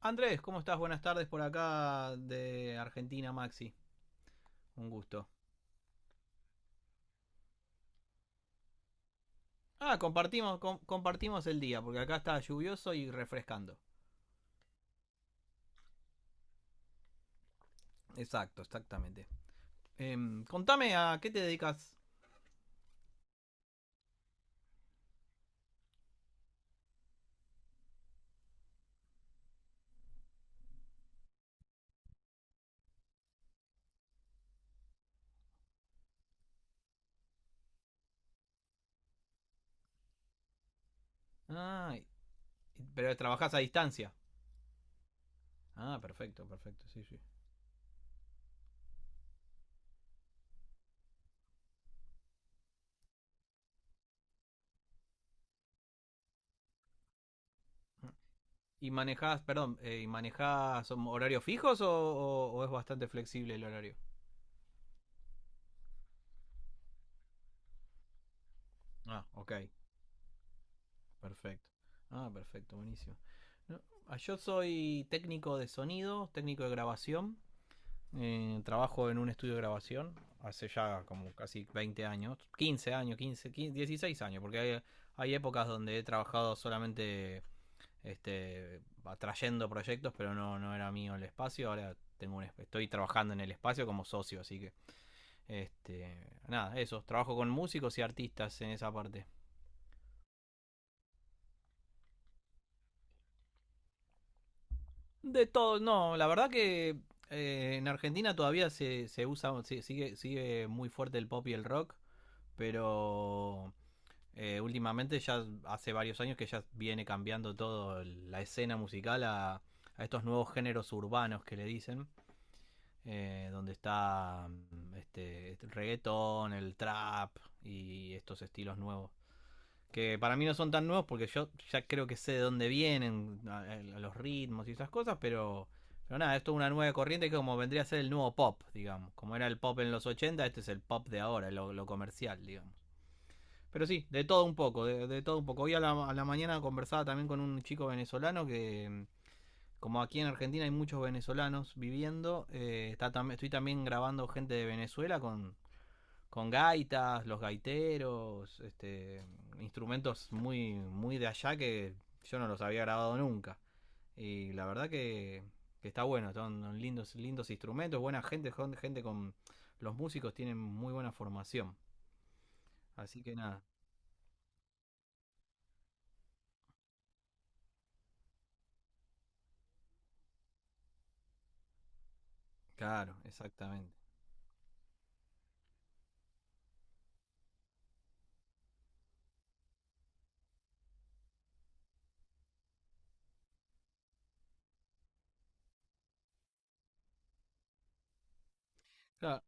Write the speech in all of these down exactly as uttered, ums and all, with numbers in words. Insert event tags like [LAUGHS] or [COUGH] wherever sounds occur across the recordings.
Andrés, ¿cómo estás? Buenas tardes por acá de Argentina, Maxi. Un gusto. Ah, compartimos, com- compartimos el día, porque acá está lluvioso y refrescando. Exacto, exactamente. Em, contame a qué te dedicas. Ah, pero trabajás a distancia. Ah, perfecto, perfecto, sí, sí. ¿Y manejás, perdón, eh, ¿y manejás um, horarios fijos o, o- o es bastante flexible el horario? Ah, ok, perfecto. Ah, perfecto, buenísimo. No, ah, yo soy técnico de sonido, técnico de grabación. Eh, trabajo en un estudio de grabación hace ya como casi veinte años, quince años, quince quince dieciséis años, porque hay, hay, épocas donde he trabajado solamente este, atrayendo proyectos, pero no, no era mío el espacio, ahora tengo un, estoy trabajando en el espacio como socio, así que este, nada, eso, trabajo con músicos y artistas en esa parte. De todo, no, la verdad que eh, en Argentina todavía se, se usa, se, sigue, sigue muy fuerte el pop y el rock, pero Eh, últimamente ya hace varios años que ya viene cambiando todo la escena musical a, a estos nuevos géneros urbanos que le dicen, eh, donde está mm, este, este reggaetón, el trap y estos estilos nuevos. Que para mí no son tan nuevos porque yo ya creo que sé de dónde vienen, a- a- los ritmos y esas cosas, pero, pero nada, esto es una nueva corriente que como vendría a ser el nuevo pop, digamos. Como era el pop en los ochenta, este es el pop de ahora, lo, lo comercial, digamos. Pero sí, de todo un poco, de, de todo un poco. Hoy a la, a la mañana conversaba también con un chico venezolano que, mm, como aquí en Argentina hay muchos venezolanos viviendo, eh, está tam- estoy también grabando gente de Venezuela con, con gaitas, los gaiteros, este, instrumentos muy, muy de allá que yo no los había grabado nunca. Y la verdad que, que está bueno, son lindos, lindos instrumentos, buena gente, gente con... Los músicos tienen muy buena formación. Así que nada, claro, exactamente. Claro,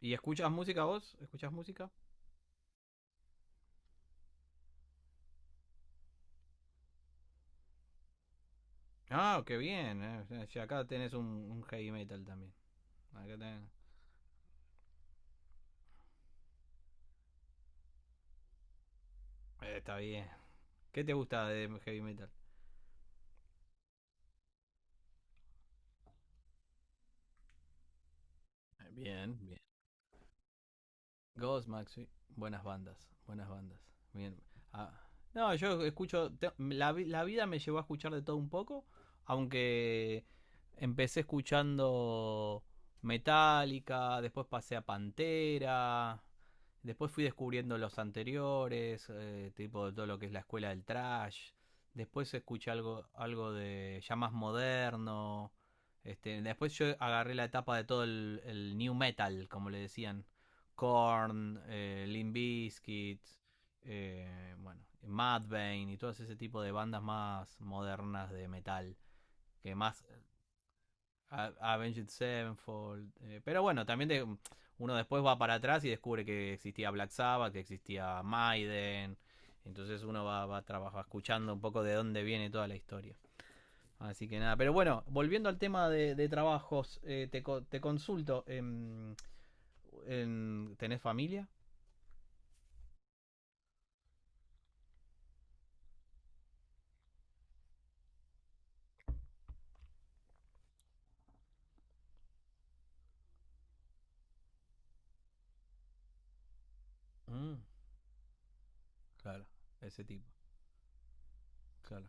¿y escuchas música vos? ¿Escuchas música? Ah, qué bien. Eh. Y acá tenés un, un heavy metal también. Acá tenés- Eh, Está bien. ¿Qué te gusta de heavy metal? Bien, bien. Ghostmax, sí. Buenas bandas, buenas bandas. Bien. Ah, no, yo escucho. Te- la, vi- la vida me llevó a escuchar de todo un poco. Aunque empecé escuchando Metallica, después pasé a Pantera. Después fui descubriendo los anteriores, eh, tipo de todo lo que es la escuela del trash. Después escuché algo, algo de ya más moderno. Este, después yo agarré la etapa de todo el, el new metal, como le decían Korn, eh, Limp Bizkit, eh, bueno, Mudvayne y todo ese tipo de bandas más modernas de metal. Que más. Avenged Sevenfold. Eh, pero bueno, también de- uno después va para atrás y descubre que existía Black Sabbath, que existía Maiden. Entonces uno va, va, va escuchando un poco de dónde viene toda la historia. Así que nada, pero bueno, volviendo al tema de, de trabajos, eh, te, te consulto, em, en- ¿tenés familia? Mm, claro, ese tipo, claro.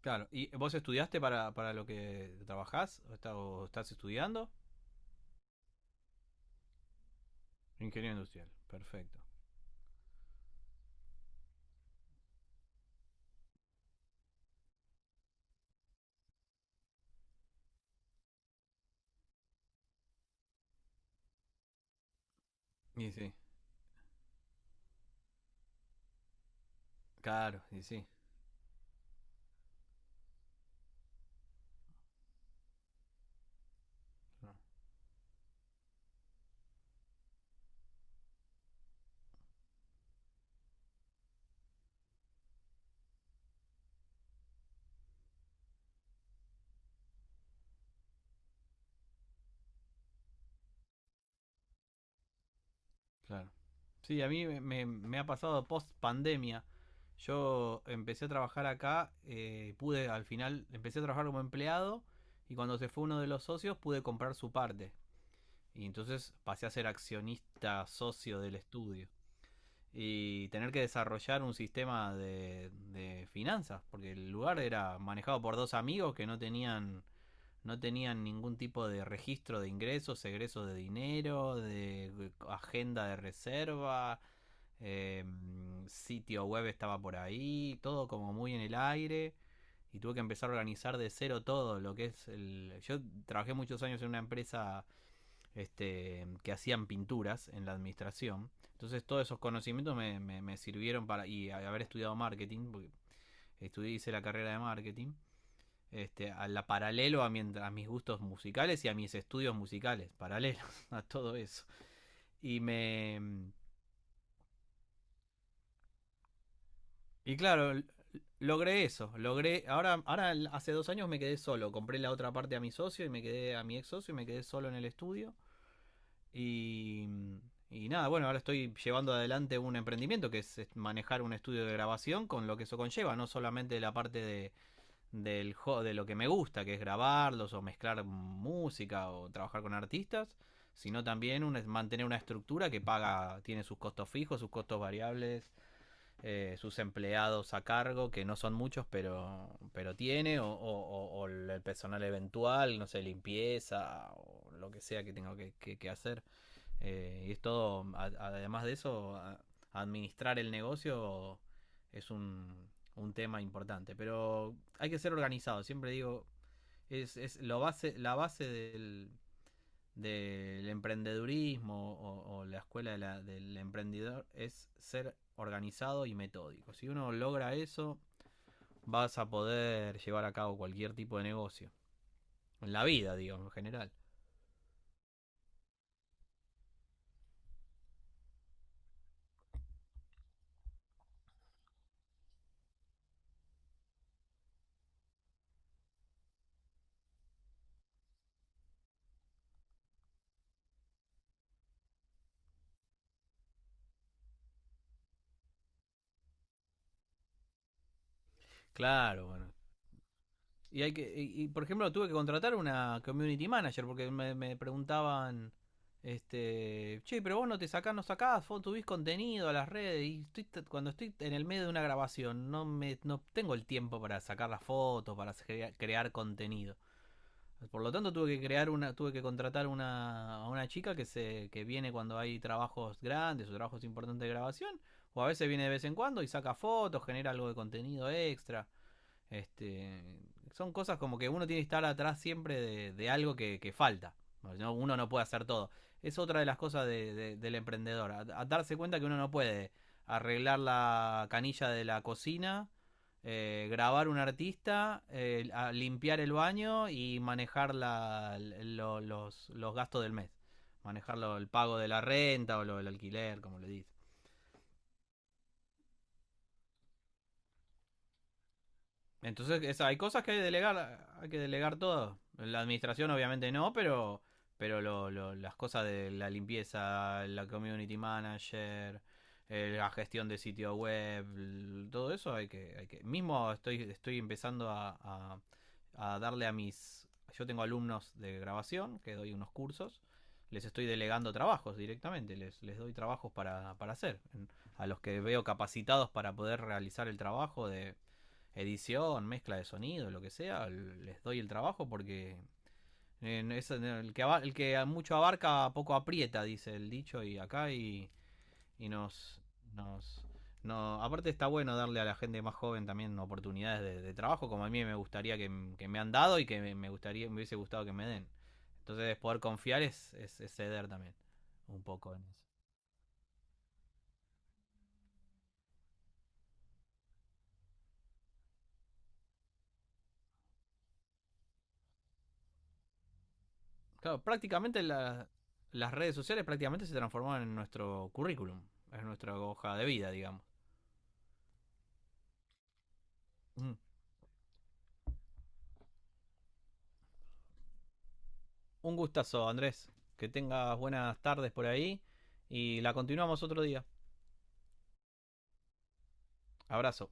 Claro, ¿y vos estudiaste para, para lo que trabajás o, está- o estás estudiando? Ingeniero industrial, perfecto. Y sí, claro, y sí, no, claro. Sí, a mí me, me- me ha pasado post pandemia. Yo empecé a trabajar acá, eh, pude al final, empecé a trabajar como empleado y cuando se fue uno de los socios pude comprar su parte. Y entonces pasé a ser accionista socio del estudio. Y tener que desarrollar un sistema de, de finanzas, porque el lugar era manejado por dos amigos que no tenían no tenían ningún tipo de registro de ingresos, egresos de dinero, de agenda de reserva, eh, sitio web estaba por ahí, todo como muy en el aire. Y tuve que empezar a organizar de cero todo lo que es el... Yo trabajé muchos años en una empresa este, que hacían pinturas en la administración. Entonces todos esos conocimientos me, me, me sirvieron para, y haber estudiado marketing, porque estudié, hice la carrera de marketing, este, a la paralelo a, mi, a mis gustos musicales y a mis estudios musicales, paralelos [LAUGHS] a todo eso. Y me... Y claro, logré eso, logré, ahora, ahora hace dos años me quedé solo, compré la otra parte a mi socio y me quedé a mi ex socio y me quedé solo en el estudio. Y, mm, y nada, bueno, ahora estoy llevando adelante un emprendimiento que es manejar un estudio de grabación con lo que eso conlleva, no solamente la parte de, del, de lo que me gusta, que es grabarlos o mezclar música o trabajar con artistas, sino también un- mantener una estructura que paga, tiene sus costos fijos, sus costos variables, eh, sus empleados a cargo, que no son muchos, pero, pero tiene, o, o- o- o el personal eventual, no sé, limpieza o lo que sea que tengo que- que- que hacer. Eh, y es todo, a- además de eso, a- administrar el negocio es un, un tema importante. Pero hay que ser organizado, siempre digo, es, es lo base, la base del, del emprendedurismo o, o la escuela de la- del emprendedor es ser organizado y metódico. Si uno logra eso, vas a poder llevar a cabo cualquier tipo de negocio. En la vida, digo, en general. Claro, bueno, y hay que, y, y, por ejemplo tuve que contratar una community manager porque me, me preguntaban, este, che, pero vos no te sacás, no sacás, vos subís contenido a las redes y estoy, cuando estoy en el medio de una grabación no me, no tengo el tiempo para sacar las fotos, para crea, crear contenido. Por lo tanto tuve que crear una, tuve que contratar una, a una chica que se, que viene cuando hay trabajos grandes o trabajos importantes de grabación, o a veces viene de vez en cuando y saca fotos, genera algo de contenido extra. Este, son cosas como que uno tiene que estar atrás siempre de, de algo que, que falta. ¿No? Uno no puede hacer todo. Es otra de las cosas de- de- del emprendedor. A, a darse cuenta que uno no puede arreglar la canilla de la cocina, eh, grabar un artista, eh, a- limpiar el baño y manejar la- lo- los, los gastos del mes. Manejar lo- el pago de la renta o lo, el alquiler, como le dice. Entonces, es- hay cosas que hay que delegar, hay que delegar todo. La administración obviamente no, pero pero lo- lo- las cosas de la limpieza, la community manager, eh, la gestión de sitio web, todo eso hay que hay que mismo estoy estoy empezando a, a- a darle a mis yo tengo alumnos de grabación que doy unos cursos, les estoy delegando trabajos directamente, les les doy trabajos para para hacer, a los que veo capacitados para poder realizar el trabajo de edición, mezcla de sonido, lo que sea, les doy el trabajo porque eh, no, es no, el, que, el que mucho abarca poco aprieta, dice el dicho, y acá y, y nos, nos... No, aparte está bueno darle a la gente más joven también oportunidades de, de trabajo, como a mí me gustaría que, que me han dado y que me- gustaría, me hubiese gustado que me den. Entonces poder confiar es, es, es ceder también un poco en eso. Claro, prácticamente la- las redes sociales prácticamente se transformaron en nuestro currículum, es nuestra hoja de vida, digamos. Un gustazo, Andrés. Que tengas buenas tardes por ahí y la continuamos otro día. Abrazo.